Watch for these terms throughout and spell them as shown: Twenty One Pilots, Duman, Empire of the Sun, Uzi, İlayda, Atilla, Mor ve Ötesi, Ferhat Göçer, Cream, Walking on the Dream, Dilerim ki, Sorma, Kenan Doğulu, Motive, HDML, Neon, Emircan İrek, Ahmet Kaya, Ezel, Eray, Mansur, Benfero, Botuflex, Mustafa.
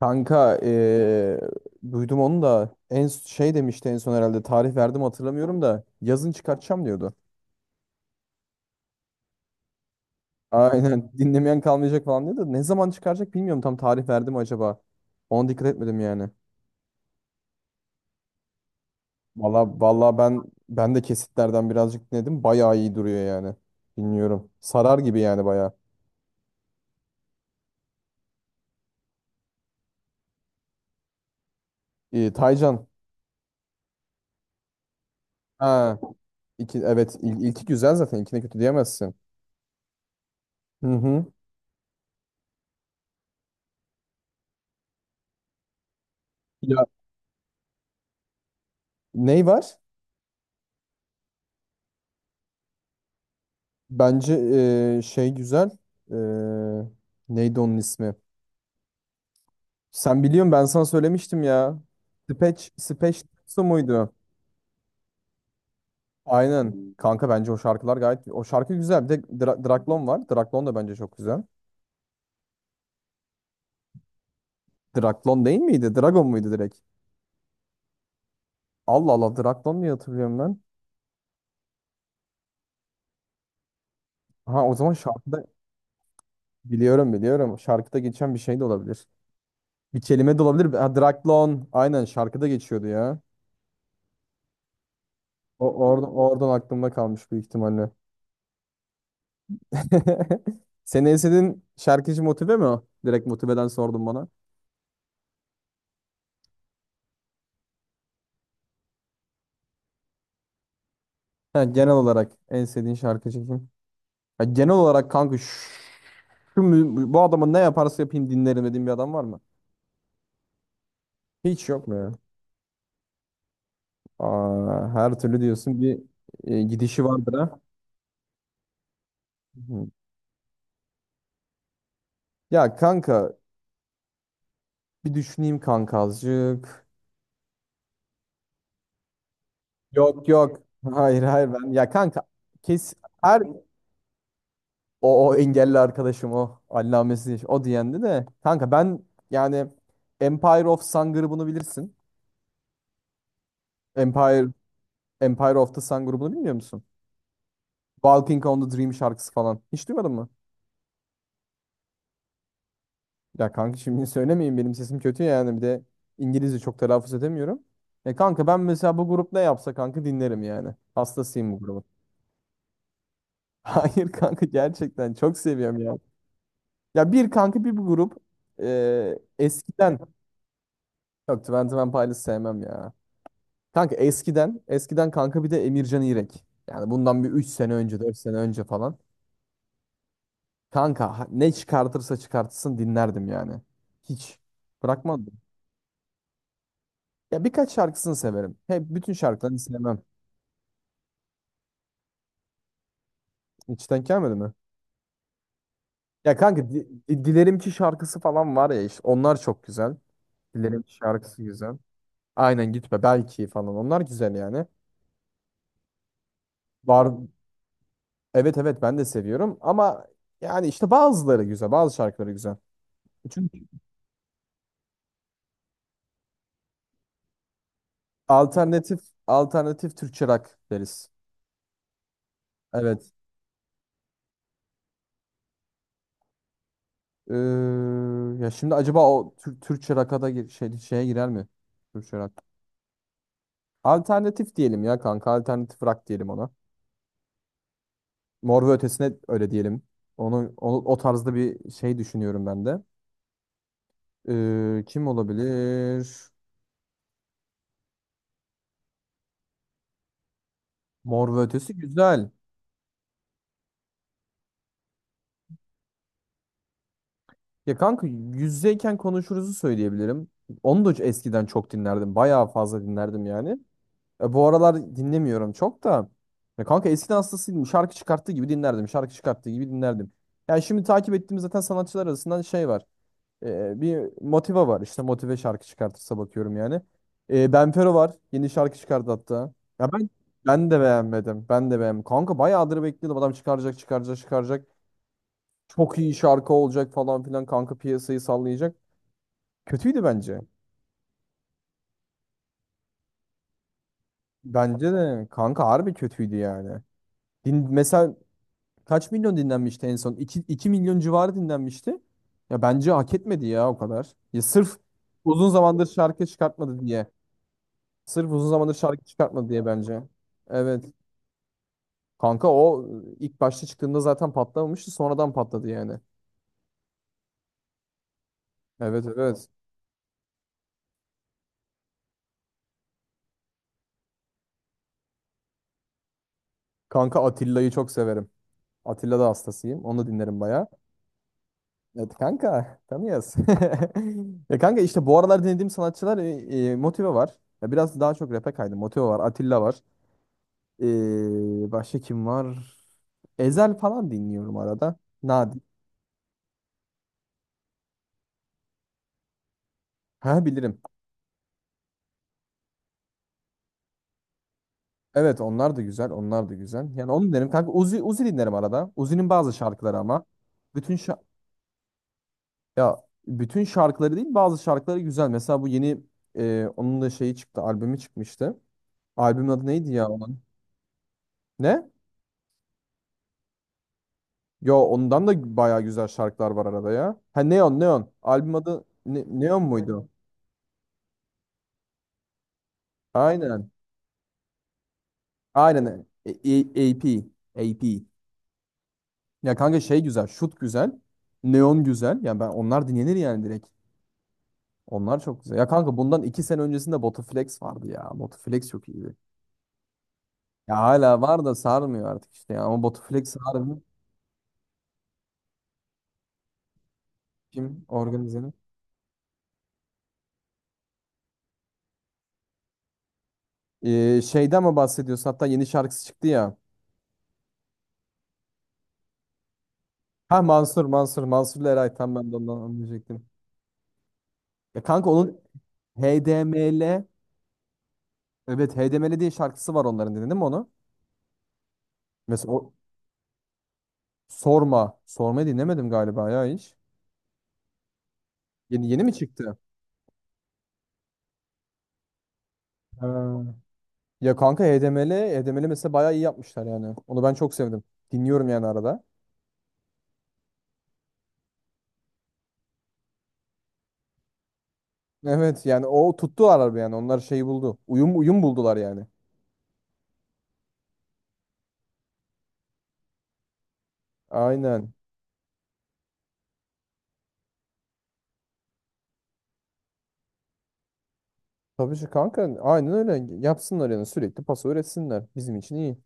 Kanka duydum onu da en şey demişti en son herhalde tarih verdim hatırlamıyorum da yazın çıkartacağım diyordu. Aynen dinlemeyen kalmayacak falan diyordu. Ne zaman çıkaracak bilmiyorum tam tarih verdi mi acaba? Ona dikkat etmedim yani. Valla valla ben de kesitlerden birazcık dinledim. Bayağı iyi duruyor yani. Bilmiyorum. Sarar gibi yani bayağı. Taycan. Ha, iki, evet ilki güzel, zaten ilkine kötü diyemezsin. Hı hı. Ya ney var? Bence şey güzel. Eee, Neydi onun ismi? Sen biliyorsun, ben sana söylemiştim ya. Speech Tattoo muydu? Aynen. Kanka bence o şarkılar gayet... O şarkı güzel. Bir de Draklon var. Draklon da bence çok güzel. Draklon değil miydi? Dragon muydu direkt? Allah Allah, Draklon diye hatırlıyorum ben. Ha, o zaman şarkıda... Biliyorum biliyorum. Şarkıda geçen bir şey de olabilir. Bir kelime de olabilir. Ha, Draklon. Aynen, şarkıda geçiyordu ya. O, oradan aklımda kalmış büyük ihtimalle. Senin en sevdiğin şarkıcı Motive mi o? Direkt Motive'den sordum bana. Ha, genel olarak en sevdiğin şarkıcı kim? Ya genel olarak kanka bu adamın ne yaparsa yapayım dinlerim dediğin bir adam var mı? Hiç yok mu ya? Aa, her türlü diyorsun, bir gidişi vardır ha. Hı. Ya kanka bir düşüneyim kanka azıcık. Yok, yok. Hayır, hayır, ben ya kanka kes her. O, o engelli arkadaşım o. Allamesi o diyendi de. Kanka ben yani Empire of Sun grubunu bilirsin. Empire Empire of the Sun grubunu bilmiyor musun? Walking on the Dream şarkısı falan. Hiç duymadın mı? Ya kanka şimdi söylemeyin, benim sesim kötü yani, bir de İngilizce çok telaffuz edemiyorum. Kanka ben mesela bu grup ne yapsa kanka dinlerim yani. Hastasıyım bu grubun. Hayır kanka, gerçekten çok seviyorum ya. Ya bir kanka bir bu grup eskiden. Yok, Twenty One Pilots sevmem ya. Kanka eskiden kanka bir de Emircan İrek. Yani bundan bir 3 sene önce, 4 sene önce falan. Kanka ne çıkartırsa çıkartsın dinlerdim yani. Hiç bırakmadım. Ya birkaç şarkısını severim. Hep bütün şarkılarını sevmem. İçten gelmedi mi? Ya kanka Dilerim ki şarkısı falan var ya, işte onlar çok güzel. Dilerim ki şarkısı güzel. Aynen, gitme belki falan, onlar güzel yani. Var. Evet, evet, ben de seviyorum ama yani işte bazıları güzel, bazı şarkıları güzel. Çünkü Alternatif alternatif Türkçe rock deriz. Evet. Ee, Ya şimdi acaba o Türkçe rock'a da şeye girer mi? Türkçe rock. Alternatif diyelim ya kanka. Alternatif rock diyelim ona. Mor ve Ötesi'ne öyle diyelim. O tarzda bir şey düşünüyorum ben de. Kim olabilir? Mor ve Ötesi güzel. Ya kanka yüzdeyken konuşuruzu söyleyebilirim. Onu da eskiden çok dinlerdim. Bayağı fazla dinlerdim yani. Bu aralar dinlemiyorum çok da. Ya kanka eskiden hastasıydım. Şarkı çıkarttığı gibi dinlerdim. Şarkı çıkarttığı gibi dinlerdim. Yani şimdi takip ettiğimiz zaten sanatçılar arasından şey var. Bir Motiva var. İşte Motive şarkı çıkartırsa bakıyorum yani. Benfero var. Yeni şarkı çıkardı hatta. Ya ben de beğenmedim. Ben de beğenmedim. Kanka bayağıdır bekliyordum. Adam çıkaracak, çıkaracak, çıkaracak. Çok iyi şarkı olacak falan filan. Kanka piyasayı sallayacak. Kötüydü bence. Bence de kanka harbi kötüydü yani. Mesela kaç milyon dinlenmişti en son? İki 2 milyon civarı dinlenmişti. Ya bence hak etmedi ya o kadar. Ya sırf uzun zamandır şarkı çıkartmadı diye. Sırf uzun zamandır şarkı çıkartmadı diye, bence. Evet. Kanka o ilk başta çıktığında zaten patlamamıştı. Sonradan patladı yani. Evet, evet. Kanka Atilla'yı çok severim. Atilla da hastasıyım. Onu da dinlerim bayağı. Evet kanka, tanıyoruz. Ya kanka işte bu aralar dinlediğim sanatçılar Motive var. Ya biraz daha çok rap'e kaydım. Motive var, Atilla var. Başka kim var? Ezel falan dinliyorum arada. Nadir. Ha, bilirim. Evet onlar da güzel. Onlar da güzel. Yani onu dinlerim. Kanka Uzi dinlerim arada. Uzi'nin bazı şarkıları ama. Bütün şa- ya bütün şarkıları değil, bazı şarkıları güzel. Mesela bu yeni onun da şeyi çıktı. Albümü çıkmıştı. Albümün adı neydi ya onun? Ne? Yo, ondan da bayağı güzel şarkılar var arada ya. Ha, Neon. Albüm adı Neon muydu? Aynen. Aynen. AP. AP. Ya kanka şey güzel, şut güzel, neon güzel. Yani ben onlar dinlenir yani direkt. Onlar çok güzel. Ya kanka bundan 2 sene öncesinde Botuflex vardı ya. Botuflex çok iyiydi. Ya hala var da sarmıyor artık işte ya. Ama Botuflex harbi. Kim organizenin? Şeyden mi bahsediyorsun? Hatta yeni şarkısı çıktı ya. Ha, Mansur'la Eray. Tam ben de ondan anlayacaktım. Ya kanka onun HDML, evet HDML diye şarkısı var onların. Dinledin mi onu? Mesela o Sorma. Sormayı dinlemedim galiba ya hiç. Yeni mi çıktı? Ha. Ya kanka HDML mesela bayağı iyi yapmışlar yani. Onu ben çok sevdim. Dinliyorum yani arada. Evet yani o tuttular araba yani. Onlar şeyi buldu. Uyum uyum buldular yani. Aynen. Tabii ki kanka, aynen öyle. Yapsınlar yani, sürekli pası üretsinler. Bizim için iyi.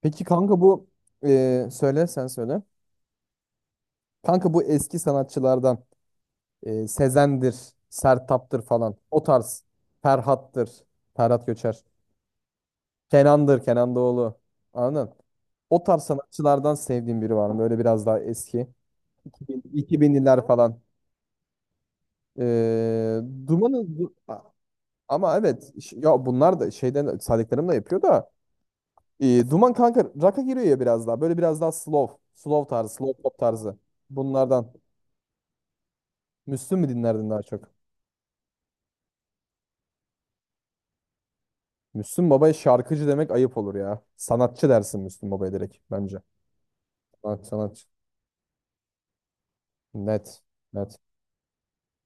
Peki kanka bu söyle, sen söyle. Kanka bu eski sanatçılardan Sezen'dir, Sertab'dır falan. O tarz. Ferhat'tır. Ferhat Göçer. Kenan'dır, Kenan Doğulu. Anladın? O tarz sanatçılardan sevdiğim biri var mı? Böyle biraz daha eski. 2000 2000'liler falan. Ee, Duman'ı Du- A- Ama evet ya bunlar da şeyden saydıklarım da yapıyor da Duman kanka rock'a giriyor ya biraz daha. Böyle biraz daha slow. Slow tarzı, slow pop tarzı. Bunlardan. Müslüm mü dinlerdin daha çok? Müslüm Baba'ya şarkıcı demek ayıp olur ya. Sanatçı dersin Müslüm Baba'ya direkt bence. Sanatçı. Net. Net.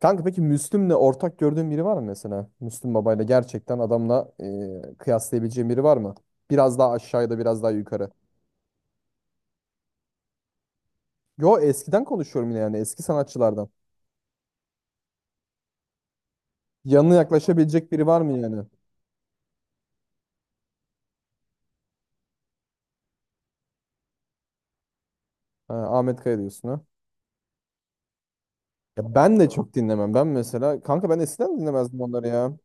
Kanka peki Müslüm'le ortak gördüğün biri var mı mesela? Müslüm Baba'yla gerçekten adamla kıyaslayabileceğin biri var mı? Biraz daha aşağıda, biraz daha yukarı. Yo, eskiden konuşuyorum yine yani, eski sanatçılardan. Yanına yaklaşabilecek biri var mı yani? Ha, Ahmet Kaya diyorsun ha. Ya ben de çok dinlemem. Ben mesela kanka, ben eskiden dinlemezdim onları ya.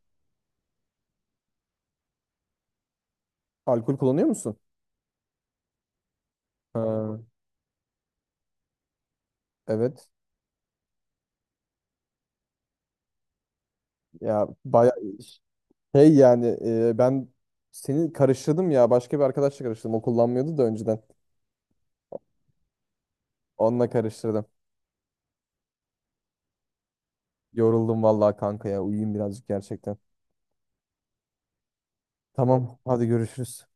Alkol kullanıyor musun? Ha, evet. Ya baya şey yani ben seni karıştırdım ya. Başka bir arkadaşla karıştırdım. O kullanmıyordu da önceden. Onunla karıştırdım. Yoruldum vallahi kanka ya. Uyuyayım birazcık gerçekten. Tamam, hadi görüşürüz.